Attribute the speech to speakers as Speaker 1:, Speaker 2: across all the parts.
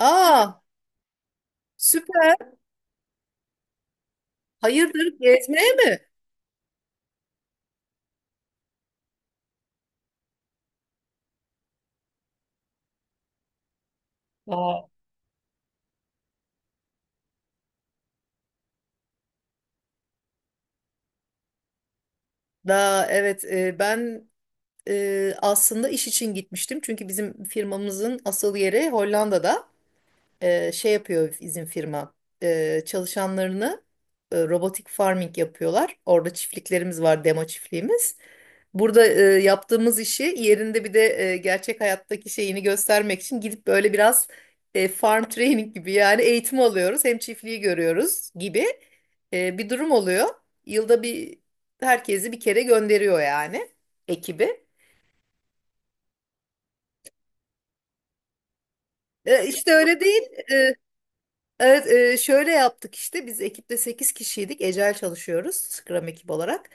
Speaker 1: Aa, süper. Hayırdır gezmeye mi? Aa, daha evet, ben aslında iş için gitmiştim. Çünkü bizim firmamızın asıl yeri Hollanda'da. Şey yapıyor, izin firma çalışanlarını, robotik farming yapıyorlar. Orada çiftliklerimiz var, demo çiftliğimiz. Burada yaptığımız işi yerinde bir de gerçek hayattaki şeyini göstermek için gidip böyle biraz farm training gibi, yani eğitim alıyoruz. Hem çiftliği görüyoruz gibi bir durum oluyor. Yılda bir herkesi bir kere gönderiyor, yani ekibi. E, işte öyle değil. Evet, şöyle yaptık işte, biz ekipte 8 kişiydik. Ecel çalışıyoruz, Scrum ekip olarak.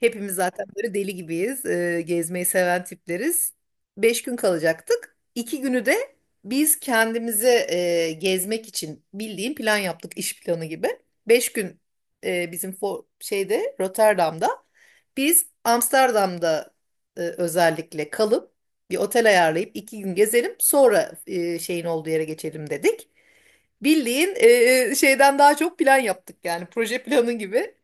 Speaker 1: Hepimiz zaten böyle deli gibiyiz. Gezmeyi seven tipleriz. 5 gün kalacaktık. 2 günü de biz kendimize gezmek için bildiğin plan yaptık, iş planı gibi. 5 gün bizim şeyde, Rotterdam'da, biz Amsterdam'da özellikle kalıp bir otel ayarlayıp 2 gün gezelim, sonra şeyin olduğu yere geçelim dedik. Bildiğin şeyden daha çok plan yaptık, yani proje planı gibi.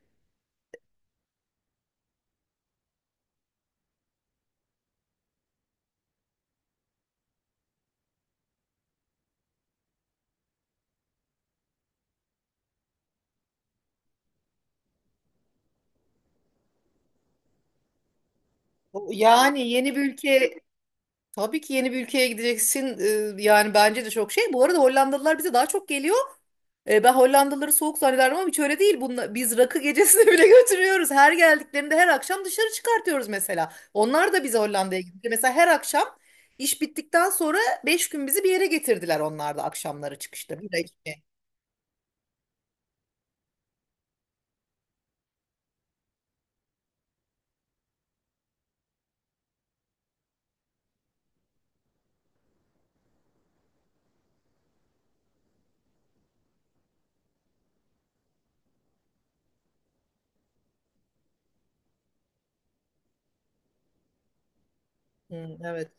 Speaker 1: Yani yeni bir ülke, tabii ki yeni bir ülkeye gideceksin, yani bence de çok şey. Bu arada Hollandalılar bize daha çok geliyor. E, ben Hollandalıları soğuk zannederdim ama hiç öyle değil. Biz rakı gecesine bile götürüyoruz. Her geldiklerinde her akşam dışarı çıkartıyoruz mesela. Onlar da bize Hollanda'ya gitti. Mesela her akşam iş bittikten sonra 5 gün bizi bir yere getirdiler, onlar da akşamları çıkışta. Bira içmeye. Hı, evet.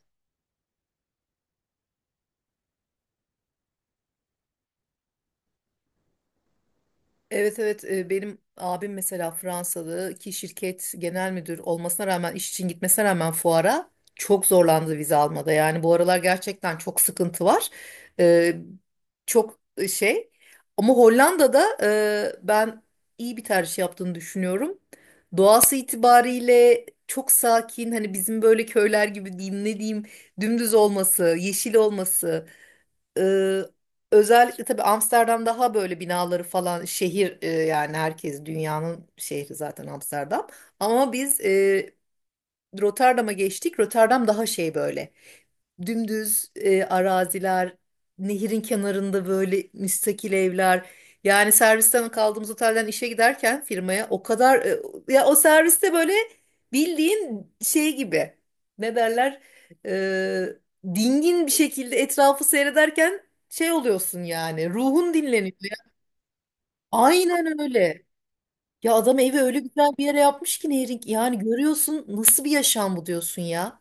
Speaker 1: Evet, evet, benim abim mesela Fransalı ki şirket genel müdür olmasına rağmen, iş için gitmesine rağmen fuara çok zorlandı vize almada. Yani bu aralar gerçekten çok sıkıntı var. E, çok şey, ama Hollanda'da ben iyi bir tercih yaptığını düşünüyorum. Doğası itibariyle çok sakin, hani bizim böyle köyler gibi diyeyim, ne diyeyim, dümdüz olması, yeşil olması. Ee, Özellikle tabii Amsterdam daha böyle binaları falan, şehir, yani herkes dünyanın şehri zaten Amsterdam. Ama biz Rotterdam'a geçtik. Rotterdam daha şey böyle dümdüz araziler, nehirin kenarında böyle müstakil evler. Yani servisten kaldığımız otelden işe giderken firmaya o kadar ya, o serviste böyle bildiğin şey gibi, ne derler, e, dingin bir şekilde etrafı seyrederken şey oluyorsun, yani ruhun dinleniyor. Aynen öyle. Ya adam evi öyle güzel bir yere yapmış ki, Nehir'in, yani görüyorsun nasıl bir yaşam bu diyorsun ya.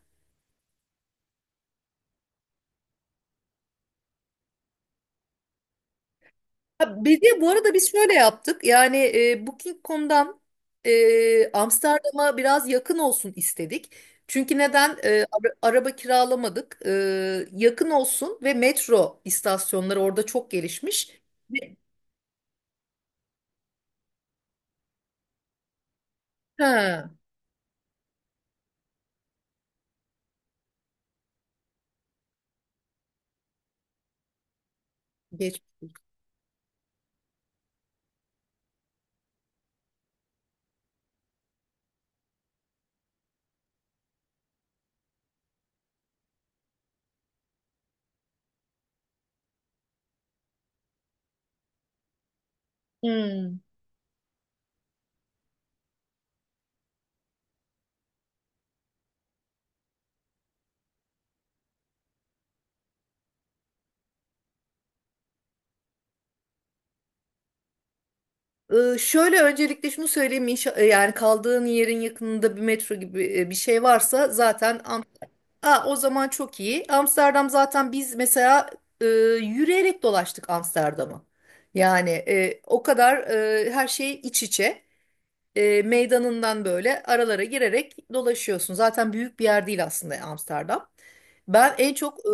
Speaker 1: Ha, bir de bu arada biz şöyle yaptık. Yani Booking.com'dan Amsterdam'a biraz yakın olsun istedik. Çünkü neden? E, araba kiralamadık. E, yakın olsun ve metro istasyonları orada çok gelişmiş. Ve- Ha, geç. Hmm. E, şöyle öncelikle şunu söyleyeyim. Yani kaldığın yerin yakınında bir metro gibi bir şey varsa zaten. Aa, o zaman çok iyi. Amsterdam zaten biz mesela e, yürüyerek dolaştık Amsterdam'ı. Yani o kadar her şey iç içe. E, meydanından böyle aralara girerek dolaşıyorsun. Zaten büyük bir yer değil aslında Amsterdam. Ben en çok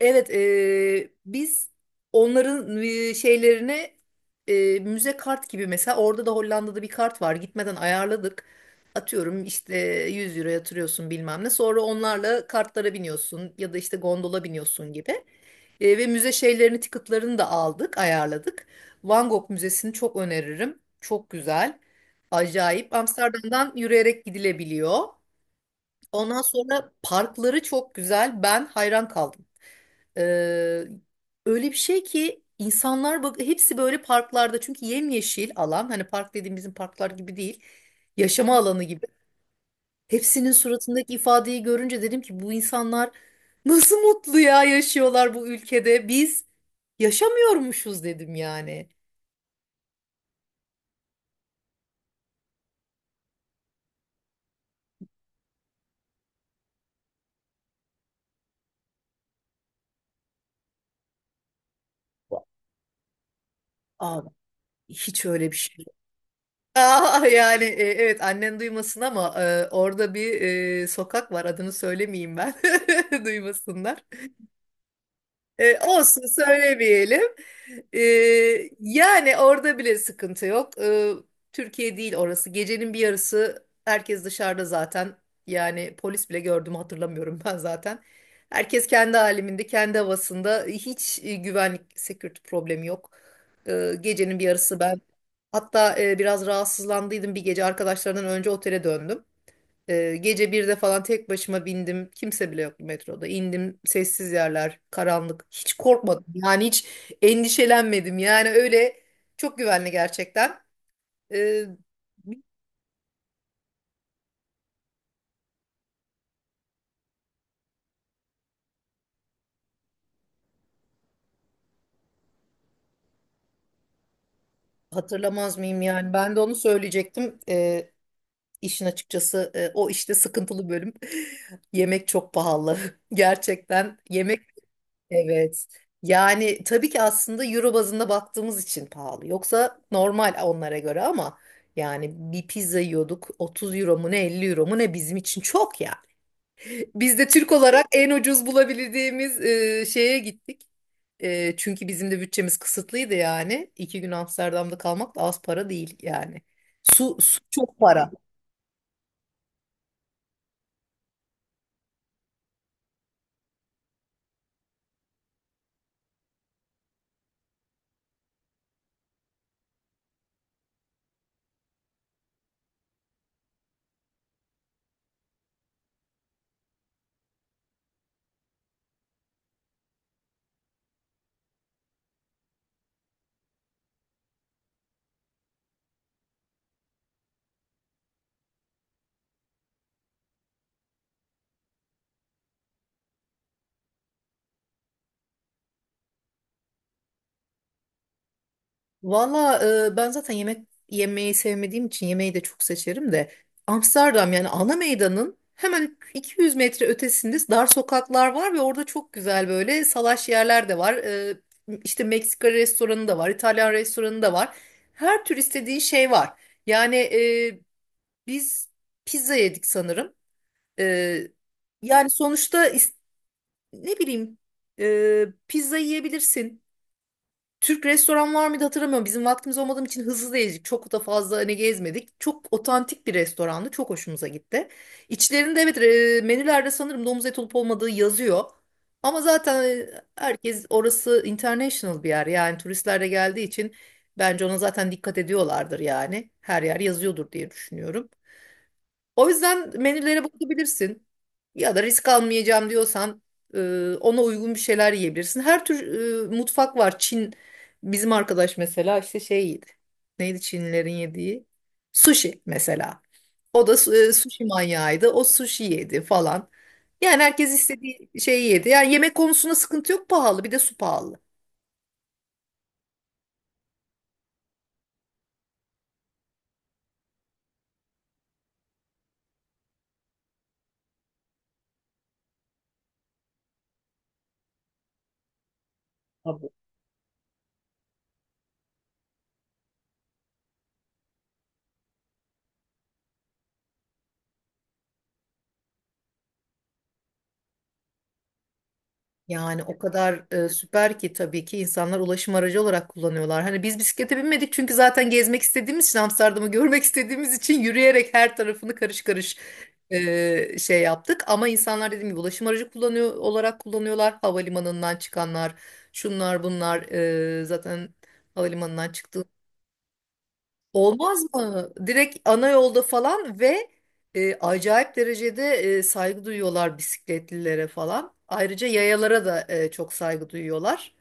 Speaker 1: evet, biz onların şeylerine, müze kart gibi, mesela orada da Hollanda'da bir kart var. Gitmeden ayarladık. Atıyorum işte 100 euro yatırıyorsun bilmem ne. Sonra onlarla kartlara biniyorsun ya da işte gondola biniyorsun gibi. Ve müze şeylerini, ticketlarını da aldık, ayarladık. Van Gogh Müzesi'ni çok öneririm. Çok güzel. Acayip. Amsterdam'dan yürüyerek gidilebiliyor. Ondan sonra parkları çok güzel. Ben hayran kaldım. Ee, Öyle bir şey ki insanlar, bak hepsi böyle parklarda, çünkü yemyeşil alan, hani park dediğim bizim parklar gibi değil, yaşama alanı gibi. Hepsinin suratındaki ifadeyi görünce dedim ki bu insanlar nasıl mutlu ya, yaşıyorlar bu ülkede, biz yaşamıyormuşuz dedim yani. Abi hiç öyle bir şey yok. Aa, yani, evet annen duymasın ama orada bir sokak var, adını söylemeyeyim ben, duymasınlar. E, olsun söylemeyelim. E, yani orada bile sıkıntı yok. E, Türkiye değil orası. Gecenin bir yarısı herkes dışarıda zaten. Yani polis bile gördüm hatırlamıyorum ben zaten. Herkes kendi haliminde kendi havasında. Hiç güvenlik, security problemi yok. E, gecenin bir yarısı ben hatta biraz rahatsızlandıydım bir gece, arkadaşlardan önce otele döndüm. Gece 1'de falan tek başıma bindim. Kimse bile yoktu metroda. İndim, sessiz yerler, karanlık. Hiç korkmadım. Yani hiç endişelenmedim. Yani öyle, çok güvenli gerçekten. Ee, Hatırlamaz mıyım yani? Ben de onu söyleyecektim. İşin açıkçası o işte sıkıntılı bölüm. Yemek çok pahalı. Gerçekten yemek. Evet. Yani tabii ki aslında euro bazında baktığımız için pahalı. Yoksa normal onlara göre ama yani bir pizza yiyorduk 30 euro mu ne, 50 euro mu ne, bizim için çok ya. Biz de Türk olarak en ucuz bulabildiğimiz şeye gittik. E, çünkü bizim de bütçemiz kısıtlıydı yani. İki gün Amsterdam'da kalmak da az para değil yani. Su çok para. Valla ben zaten yemek yemeyi sevmediğim için yemeği de çok seçerim de, Amsterdam yani ana meydanın hemen 200 metre ötesinde dar sokaklar var ve orada çok güzel böyle salaş yerler de var. E, işte Meksika restoranı da var, İtalyan restoranı da var. Her tür istediğin şey var. Yani biz pizza yedik sanırım. E, yani sonuçta ne bileyim, pizza yiyebilirsin. Türk restoran var mıydı hatırlamıyorum. Bizim vaktimiz olmadığım için hızlı da gezdik. Çok da fazla hani gezmedik. Çok otantik bir restorandı. Çok hoşumuza gitti. İçlerinde evet, menülerde sanırım domuz eti olup olmadığı yazıyor. Ama zaten herkes orası international bir yer. Yani turistler de geldiği için bence ona zaten dikkat ediyorlardır yani. Her yer yazıyordur diye düşünüyorum. O yüzden menülere bakabilirsin. Ya da risk almayacağım diyorsan e, ona uygun bir şeyler yiyebilirsin. Her tür mutfak var. Çin, bizim arkadaş mesela işte şey yedi. Neydi Çinlilerin yediği? Sushi mesela. O da sushi manyağıydı. O sushi yedi falan. Yani herkes istediği şeyi yedi. Yani yemek konusunda sıkıntı yok, pahalı, bir de su pahalı. Tabii. Yani o kadar süper ki, tabii ki insanlar ulaşım aracı olarak kullanıyorlar. Hani biz bisiklete binmedik çünkü zaten gezmek istediğimiz için, Amsterdam'ı görmek istediğimiz için yürüyerek her tarafını karış karış şey yaptık. Ama insanlar dediğim gibi ulaşım aracı kullanıyor olarak kullanıyorlar. Havalimanından çıkanlar, şunlar bunlar zaten havalimanından çıktı. Olmaz mı? Direkt ana yolda falan, ve acayip derecede saygı duyuyorlar bisikletlilere falan. Ayrıca yayalara da çok saygı duyuyorlar.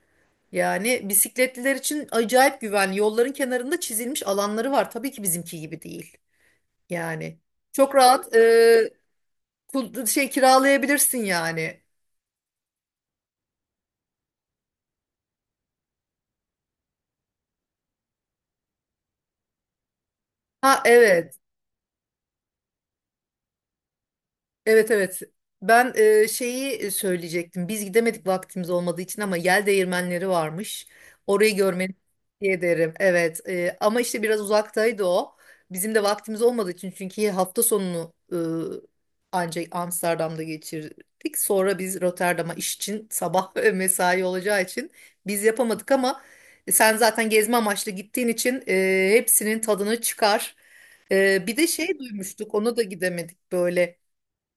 Speaker 1: Yani bisikletliler için acayip güvenli. Yolların kenarında çizilmiş alanları var. Tabii ki bizimki gibi değil. Yani çok rahat, şey kiralayabilirsin yani. Ha evet. Evet, evet. Ben şeyi söyleyecektim. Biz gidemedik vaktimiz olmadığı için ama yel değirmenleri varmış. Orayı görmeni tavsiye ederim. Evet. Ama işte biraz uzaktaydı o. Bizim de vaktimiz olmadığı için, çünkü hafta sonunu ancak Amsterdam'da geçirdik. Sonra biz Rotterdam'a iş için sabah mesai olacağı için biz yapamadık ama sen zaten gezme amaçlı gittiğin için hepsinin tadını çıkar. E, bir de şey duymuştuk. Ona da gidemedik, böyle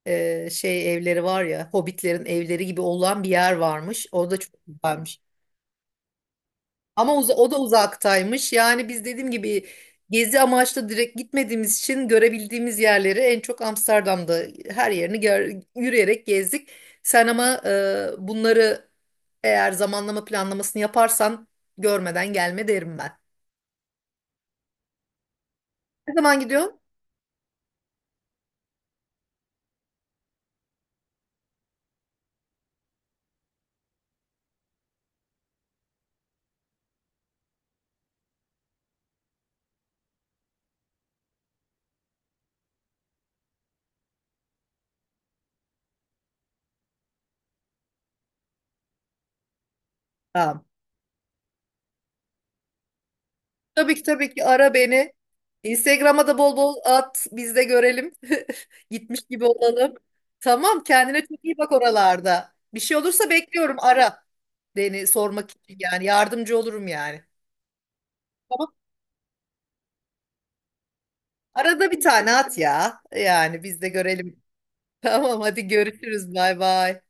Speaker 1: şey evleri var ya, hobbitlerin evleri gibi olan bir yer varmış. O da çok güzelmiş. Ama o da uzaktaymış. Yani biz dediğim gibi gezi amaçlı direkt gitmediğimiz için görebildiğimiz yerleri en çok Amsterdam'da her yerini yürüyerek gezdik. Sen ama bunları, eğer zamanlama planlamasını yaparsan görmeden gelme derim ben. Ne zaman gidiyorsun? Tamam. Tabii ki, tabii ki ara beni. Instagram'a da bol bol at. Biz de görelim. Gitmiş gibi olalım. Tamam, kendine çok iyi bak oralarda. Bir şey olursa bekliyorum, ara. Beni sormak için, yani yardımcı olurum yani. Tamam. Arada bir tane at ya. Yani biz de görelim. Tamam hadi görüşürüz. Bay bay.